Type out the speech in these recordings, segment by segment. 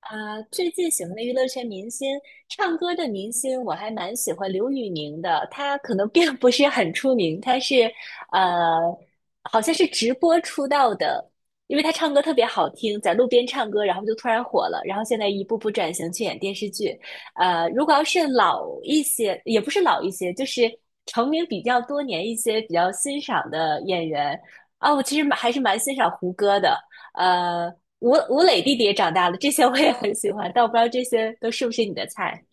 啊，最近喜欢的娱乐圈明星，唱歌的明星，我还蛮喜欢刘宇宁的。他可能并不是很出名，他是呃，好像是直播出道的，因为他唱歌特别好听，在路边唱歌，然后就突然火了，然后现在一步步转型去演电视剧。呃，如果要是老一些，也不是老一些，就是成名比较多年一些比较欣赏的演员啊，我其实蛮还是蛮欣赏胡歌的。呃，吴磊弟弟也长大了，这些我也很喜欢，但我不知道这些都是不是你的菜。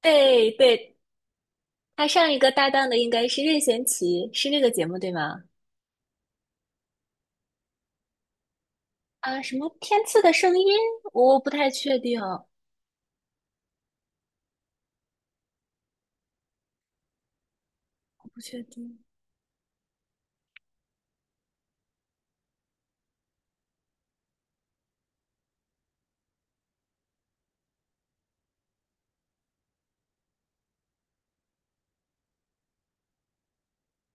对对，他上一个搭档的应该是任贤齐，是那个节目对吗？啊，什么天赐的声音？我不太确定，我不确定。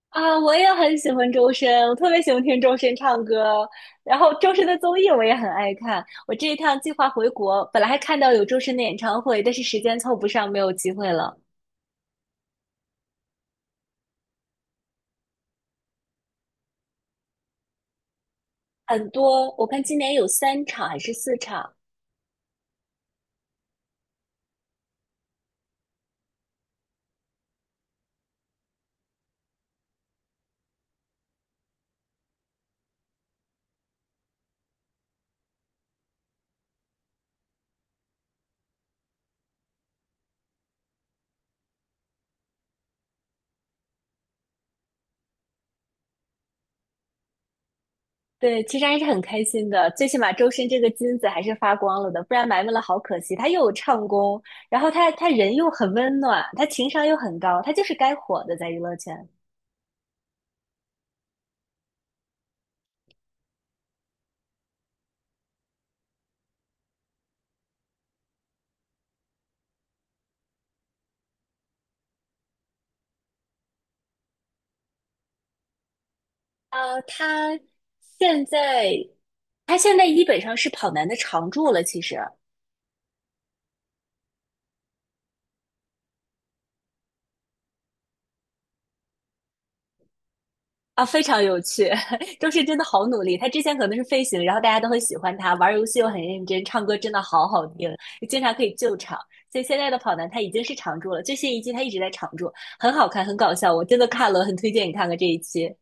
啊，我也很喜欢周深，我特别喜欢听周深唱歌，然后周深的综艺我也很爱看。我这一趟计划回国，本来还看到有周深的演唱会，但是时间凑不上，没有机会了。很多，我看今年有三场还是四场，对，其实还是很开心的，最起码周深这个金子还是发光了的，不然埋没了好可惜。他又有唱功，然后他人又很温暖，他情商又很高，他就是该火的在娱乐圈。呃，他现在他现在基本上是跑男的常驻了，其实。啊，非常有趣，周深真的好努力。他之前可能是飞行，然后大家都很喜欢他，玩游戏又很认真，唱歌真的好好听，经常可以救场。所以现在的跑男他已经是常驻了，最新一季他一直在常驻，很好看，很搞笑，我真的看了，很推荐你看看这一期。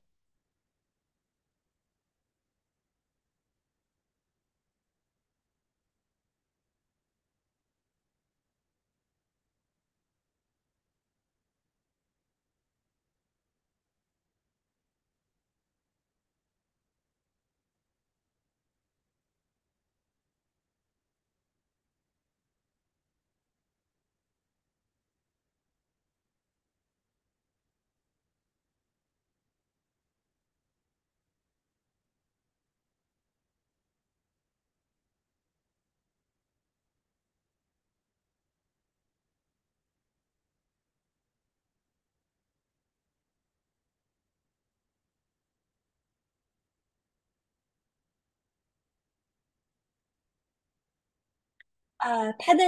呃，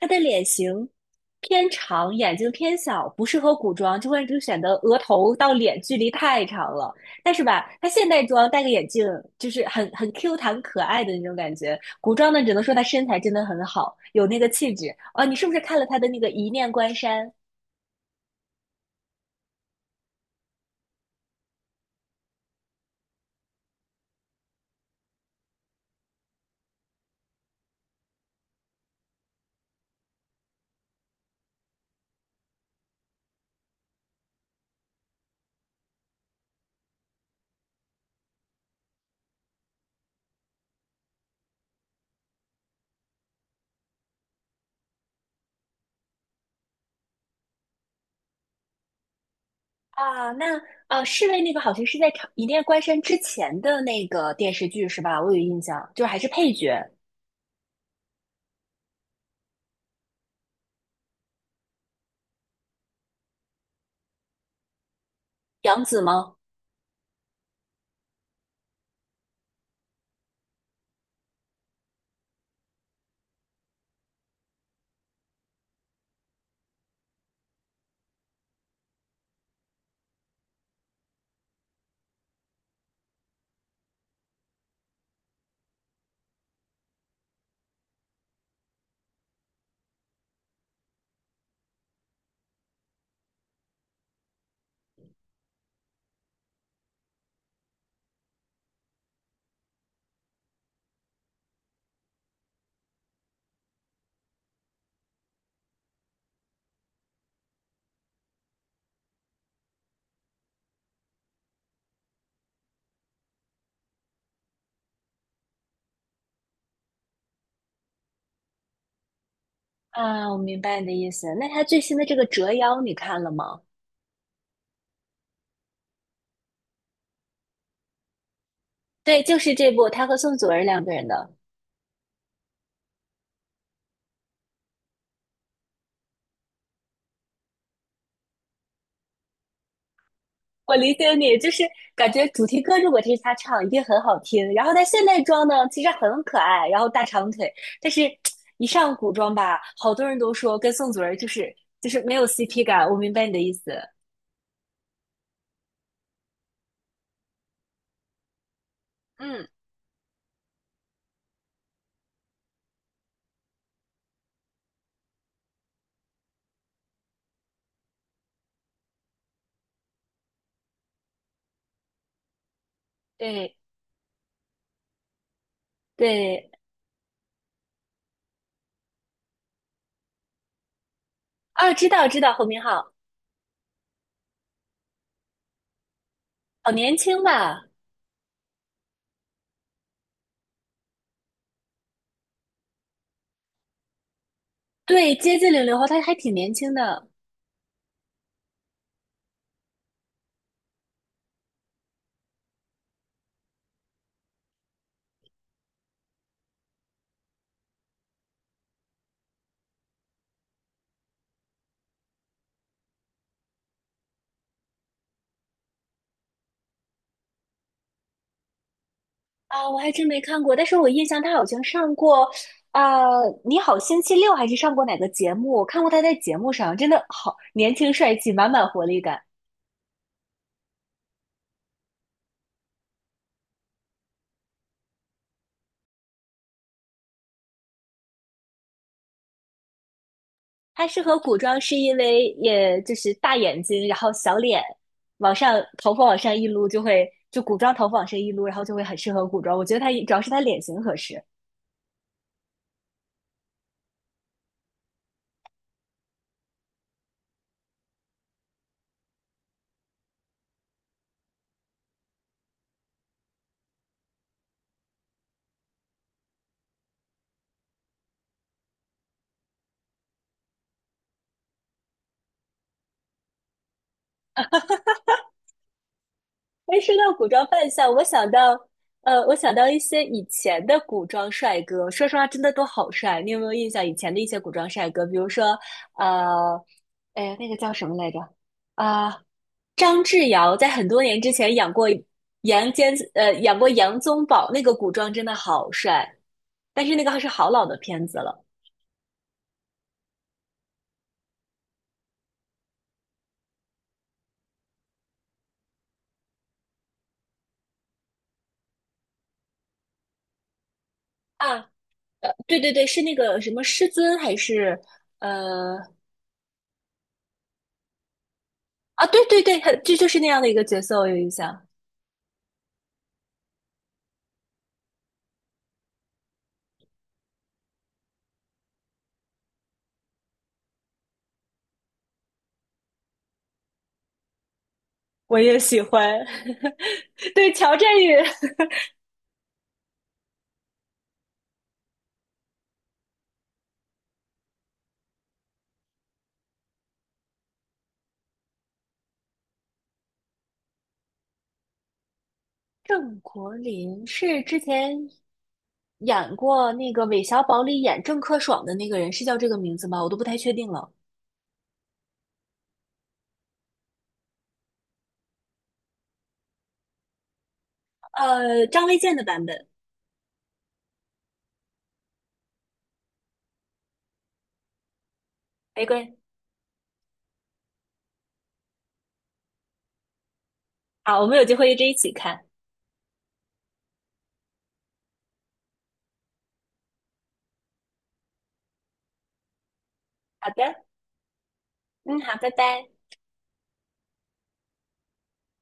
她的脸型偏长，眼睛偏小，不适合古装，就显得额头到脸距离太长了。但是吧，她现代装戴个眼镜，就是很 Q 弹可爱的那种感觉。古装呢，只能说她身材真的很好，有那个气质。哦，你是不是看了她的那个《一念关山》啊？那呃，侍卫那个好像是在长《一念关山》之前的那个电视剧是吧？我有印象，就是还是配角，杨紫吗？啊，我明白你的意思。那他最新的这个《折腰》你看了吗？对，就是这部，他和宋祖儿两个人的。我理解你，就是感觉主题歌如果听是他唱，一定很好听。然后他现代装呢，其实很可爱，然后大长腿，但是一上古装吧，好多人都说跟宋祖儿就是没有 CP 感。我明白你的意思。嗯，对对，啊，知道知道，侯明昊好年轻吧？对，接近零零后，他还挺年轻的。啊，我还真没看过，但是我印象他好像上过，啊，你好星期六》还是上过哪个节目？我看过他在节目上，真的好年轻帅气，满满活力感。他适合古装是因为也就是大眼睛，然后小脸，往上头发往上一撸就会，就古装头发往上一撸，然后就会很适合古装。我觉得他主要是他脸型合适。哎，说到古装扮相，我想到，呃，我想到一些以前的古装帅哥，说实话，真的都好帅。你有没有印象以前的一些古装帅哥？比如说，呃，哎那个叫什么来着？啊、张智尧在很多年之前演过杨坚，呃，演过杨宗保，那个古装真的好帅。但是那个还是好老的片子了啊，呃，对对对，是那个什么师尊还是呃啊，对对对，他这就是那样的一个角色，我有印象。我也喜欢。对，乔振宇、郑国林是之前演过那个韦小宝里演郑克爽的那个人，是叫这个名字吗？我都不太确定了。呃，张卫健的版本。玫瑰。好，我们有机会一直一起看。好的，嗯，好，拜拜。